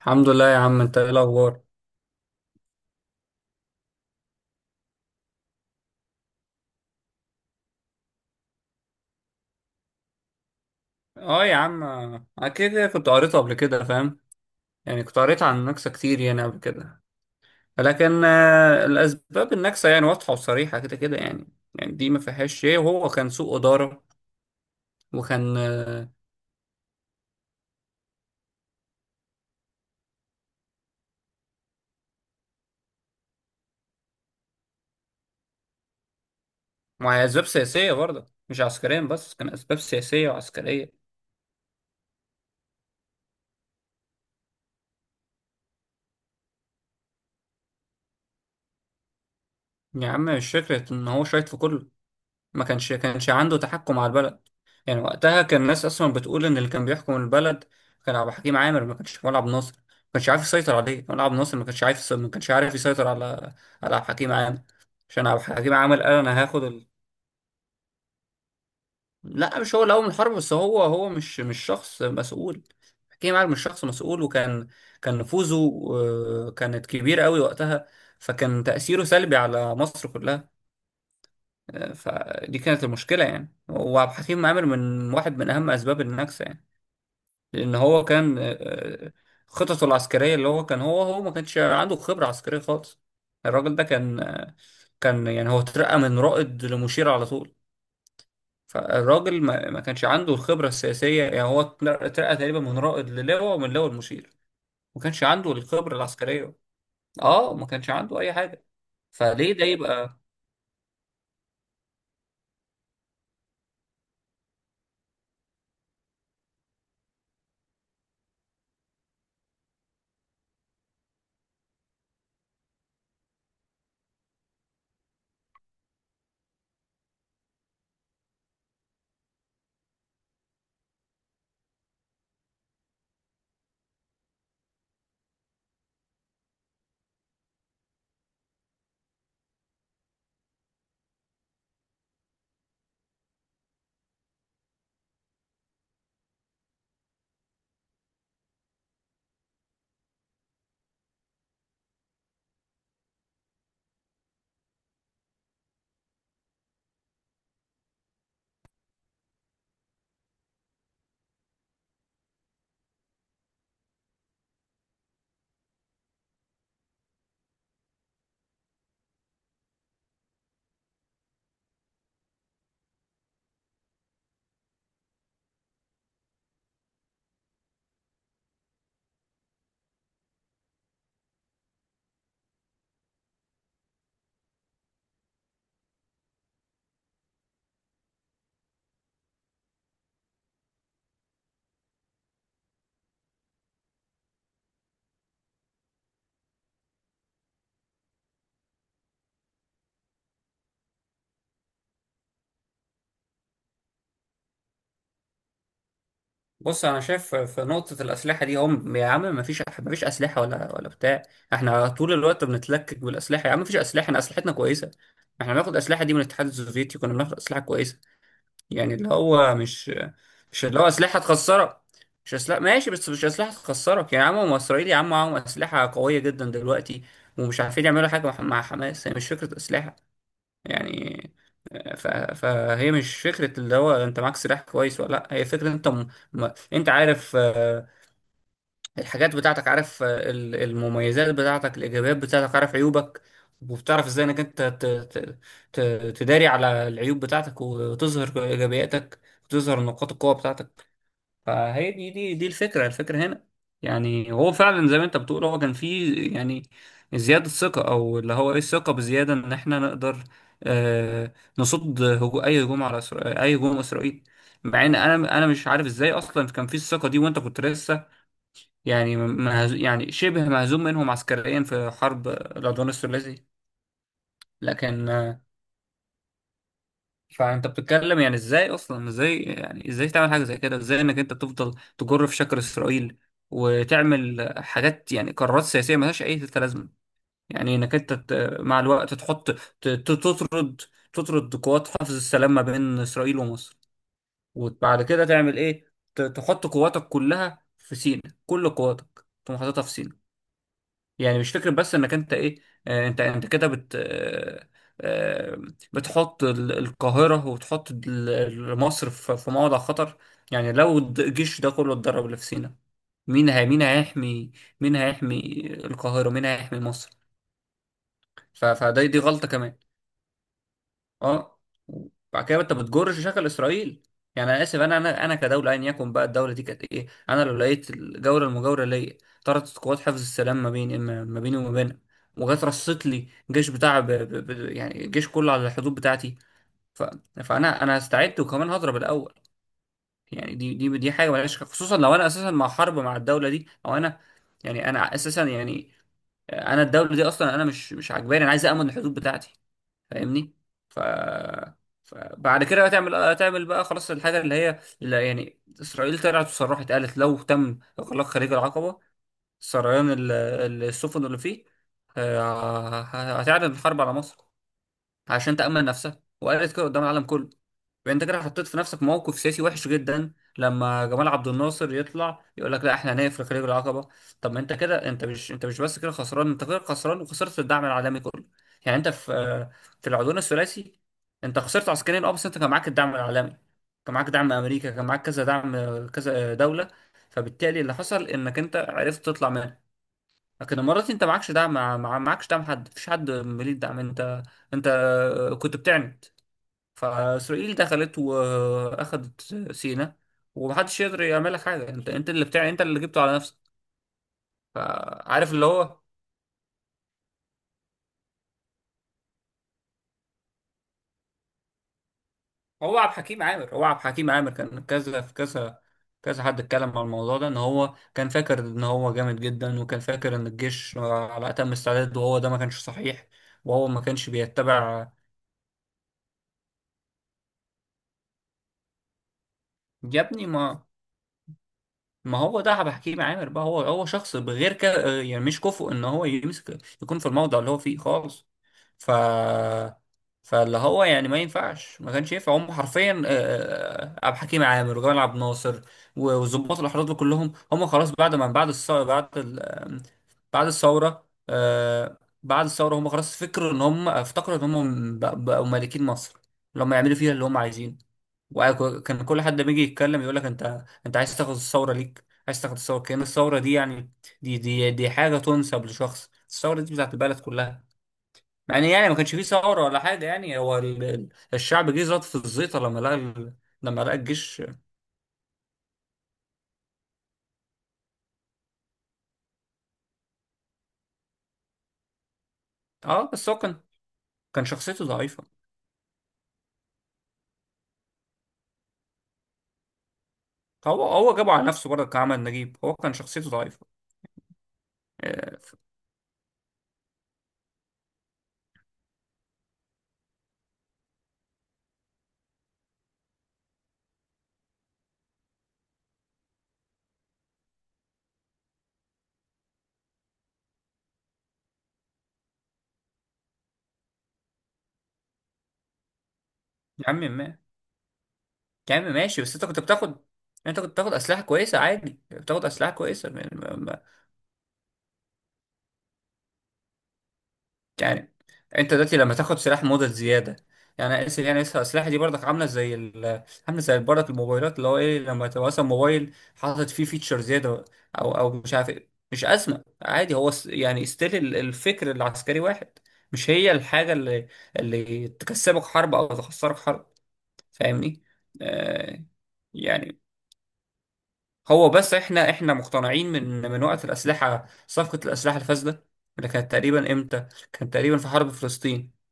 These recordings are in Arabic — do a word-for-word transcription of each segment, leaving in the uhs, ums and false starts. الحمد لله يا عم، انت ايه الاخبار؟ اه يا عم، اكيد كنت قريته قبل كده فاهم. يعني كنت قريت عن النكسه كتير يعني قبل كده. لكن آه، الاسباب النكسه يعني واضحه وصريحه كده كده يعني. يعني دي ما فيهاش شيء، وهو كان سوء اداره. وكان آه، مع اسباب سياسيه برضه، مش عسكريا بس، كان اسباب سياسيه وعسكريه. يا عم مش فكره ان هو شايط في كله، ما كانش كانش عنده تحكم على البلد. يعني وقتها كان الناس اصلا بتقول ان اللي كان بيحكم البلد كان عبد الحكيم عامر، ما كانش ولا عبد الناصر ما كانش عارف يسيطر عليه، ولا عبد الناصر ما كانش عارف يسيطر- ما كانش عارف يسيطر على على عبد الحكيم عامر. عشان عبد الحكيم عامر قال انا هاخد ال... لا مش هو اللي قوم الحرب، بس هو هو مش مش شخص مسؤول. حكيم عامر مش شخص مسؤول، وكان كان نفوذه آه، كانت كبيرة قوي وقتها. فكان تأثيره سلبي على مصر كلها. فدي كانت المشكلة يعني، وعبد الحكيم عامر من واحد من أهم أسباب النكسة يعني. لأن هو كان آه، آه، خططه العسكرية، اللي هو كان هو هو ما كانش عنده خبرة عسكرية خالص. الراجل ده كان آه، كان يعني هو اترقى من رائد لمشير على طول. فالراجل ما, ما كانش عنده الخبرة السياسية، يعني هو اتنر- اترقى تقريبا من رائد للواء، ومن لواء لمشير. ما كانش عنده الخبرة العسكرية. اه ما كانش عنده أي حاجة. فليه ده يبقى. بص انا شايف في نقطه الاسلحه دي، هم يا عم ما فيش ما فيش اسلحه ولا ولا بتاع. احنا طول الوقت بنتلكك بالاسلحه يا عم، ما فيش اسلحه، احنا اسلحتنا كويسه. احنا بناخد اسلحه دي من الاتحاد السوفيتي، كنا بناخد اسلحه كويسه. يعني اللي هو مش، مش اللي هو اسلحه تخسرك، مش اسلحه ماشي بس مش اسلحه تخسرك. يعني يا عم، هم اسرائيل يا عم معاهم اسلحه قويه جدا دلوقتي، ومش عارفين يعملوا حاجه مع مع حماس، يعني مش فكره اسلحه يعني. ف... فهي مش فكرة اللي هو انت معاك سلاح كويس ولا لا، هي فكرة انت م... م... انت عارف آه، الحاجات بتاعتك، عارف آه، ال- المميزات بتاعتك، الايجابيات بتاعتك، عارف عيوبك، وبتعرف ازاي انك انت ت... ت... ت... تداري على العيوب بتاعتك وتظهر ايجابياتك، وتظهر نقاط القوة بتاعتك. فهي دي دي دي الفكرة، الفكرة هنا. يعني هو فعلا زي ما انت بتقول، هو كان فيه يعني زيادة ثقة، او اللي هو ايه، الثقة بزيادة ان احنا نقدر آه نصد هجو اي هجوم على إسرا- اي هجوم اسرائيل. مع ان انا انا مش عارف ازاي اصلا كان فيه الثقة دي، وانت كنت لسه يعني مهز يعني شبه مهزوم منهم عسكريا في حرب العدوان الثلاثي. لكن فانت بتتكلم يعني، ازاي اصلا، ازاي يعني ازاي تعمل حاجه زي كده؟ ازاي انك انت تفضل تجر في شكر اسرائيل وتعمل حاجات يعني قرارات سياسيه ملهاش اي لازمه؟ يعني انك انت ت- مع الوقت تحط ت- ت- تطرد، تطرد قوات حفظ السلام ما بين اسرائيل ومصر. وبعد كده تعمل ايه؟ ت- تحط قواتك كلها في سيناء، كل قواتك تقوم حاططها في سيناء. يعني مش فكرة بس انك انت ايه، آه، انت انت كده بت آه، آه، بتحط ال- القاهرة، وتحط ال- ال- مصر في في موضع خطر. يعني لو الد- الجيش ده كله اتدرب اللي في سينا، مين هي، مين هيحمي، مين هيحمي القاهرة، مين هيحمي مصر؟ ف- فده دي غلطة كمان. اه بعد كده انت بتجرش شغل اسرائيل. يعني انا اسف، انا انا انا كدوله، ايا يكن بقى الدوله دي كانت ايه، انا لو لقيت الجوله المجاوره ليا طردت قوات حفظ السلام ما بيني ما ما بيني وما بينها، وجت رصت لي جيش بتاع ب... ب... ب... يعني الجيش كله على الحدود بتاعتي. ف... فانا انا استعدت وكمان هضرب الاول. يعني دي دي دي حاجه ملهاش، خصوصا لو انا اساسا مع حرب مع الدوله دي، او انا يعني انا اساسا يعني، انا الدوله دي اصلا انا مش مش عاجباني، انا عايز امن الحدود بتاعتي، فاهمني؟ ف فبعد كده هتعمل، هتعمل بقى خلاص الحاجه اللي هي اللي يعني، اسرائيل طلعت وصرحت قالت لو تم اغلاق خليج العقبه، سريان ال- السفن اللي فيه، آه، هتعلن الحرب على مصر عشان تأمن نفسك، وقالت كده قدام العالم كله. فانت كده حطيت في نفسك موقف سياسي وحش جدا، لما جمال عبد الناصر يطلع يقول لك لا احنا هنقفل خليج العقبة. طب ما انت كده، انت مش انت مش بس كده خسران، انت كده خسران وخسرت الدعم العالمي كله. يعني انت في في العدوان الثلاثي انت خسرت عسكريا اه، بس انت كان معاك الدعم العالمي، كان معاك دعم امريكا، كان معاك كذا دعم، كذا دولة. فبالتالي اللي حصل انك انت عرفت تطلع منها. لكن الامارات انت معكش دعم، مع مع- معكش دعم حد، مفيش حد مليك دعم، انت انت كنت بتعند. فاسرائيل دخلت واخدت سيناء، ومحدش يقدر يعمل لك حاجه، انت انت اللي بتاع، انت اللي جبته على نفسك. فعارف اللي هو، هو عبد الحكيم عامر هو عبد الحكيم عامر كان كذا في كذا، كذا حد اتكلم على الموضوع ده ان هو كان فاكر ان هو جامد جدا، وكان فاكر ان الجيش على اتم استعداد، وهو ده ما كانش صحيح، وهو ما كانش بيتبع. يا ابني ما ما هو ده بحكيه مع عامر بقى. هو هو شخص بغير كده آه، يعني مش كفؤ ان هو يمسك يكون في الموضع اللي هو فيه خالص. ف فاللي هو يعني ما ينفعش، ما كانش ينفع هم حرفيا، آه، عبد الحكيم عامر وجمال عبد الناصر و- وظباط الاحرار دول كلهم، هم خلاص بعد ما بعد الثوره بعد ال... آه، بعد الثوره آه، بعد الثوره هم خلاص فكروا ان هم افتكروا ان هم بق- بقوا مالكين مصر، اللي هم يعملوا فيها اللي هم عايزينه. وكان كل حد بيجي يتكلم يقول لك انت، انت عايز تاخد الثوره ليك، عايز تاخد الثوره، كأن الثوره دي يعني، دي دي دي حاجه تنسب لشخص، الثوره دي بتاعت البلد كلها. مع ان يعني ما كانش فيه ثوره ولا حاجه، يعني هو ال- ال- الشعب جه زاد في الزيطه لما لقى ال- لما لقى الجيش. اه بس هو كان، كان شخصيته ضعيفه. هو هو جابه على نفسه برضه كعمل نجيب، هو كان شخصيته ضعيفه آه، يا عم ما يا عم ماشي، بس انت كنت بتاخد، انت كنت بتاخد اسلحه كويسه، عادي بتاخد اسلحه كويسه يعني. انت دلوقتي لما تاخد سلاح مدة زيادة، يعني اسف، يعني اسف السلاح دي برضك عاملة زي ال... عاملة زي برضك الموبايلات، اللي هو ايه، لما تبقى مثلا موبايل حاطط فيه فيتشر زيادة، او او مش عارف ايه، مش أزمة عادي، هو س- يعني ستيل الفكر العسكري واحد. مش هي الحاجة اللي اللي تكسبك حرب او تخسرك حرب، فاهمني؟ آه يعني هو بس احنا احنا مقتنعين من من وقت الأسلحة، صفقة الأسلحة الفاسدة اللي كانت تقريبا امتى؟ كان تقريبا في حرب فلسطين.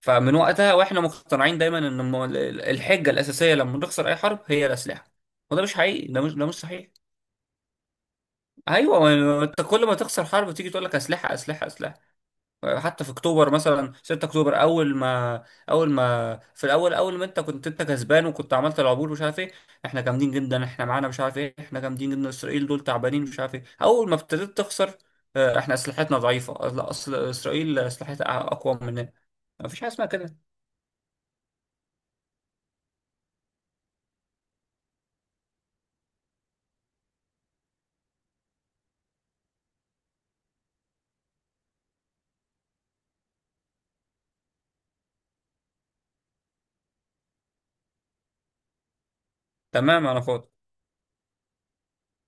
فمن وقتها واحنا مقتنعين دايما ان الم- الحجه الاساسيه لما نخسر اي حرب هي الاسلحه، وده مش حقيقي، ده مش، ده مش صحيح. ايوه، ما انت كل ما تخسر حرب تيجي تقول لك اسلحه اسلحه اسلحه. حتى في اكتوبر مثلا، ستة اكتوبر اول ما، اول ما في الاول، اول ما انت كنت انت كسبان وكنت عملت العبور مش عارف ايه، احنا جامدين جدا، احنا معانا مش عارف ايه، احنا جامدين جدا، اسرائيل دول تعبانين مش عارف ايه. اول ما ابتديت تخسر، آه، احنا اسلحتنا ضعيفه، لا اصل اسرائيل اسلحتها اقوى مننا. مفيش حاجه اسمها كده. تمام، انا فاضي.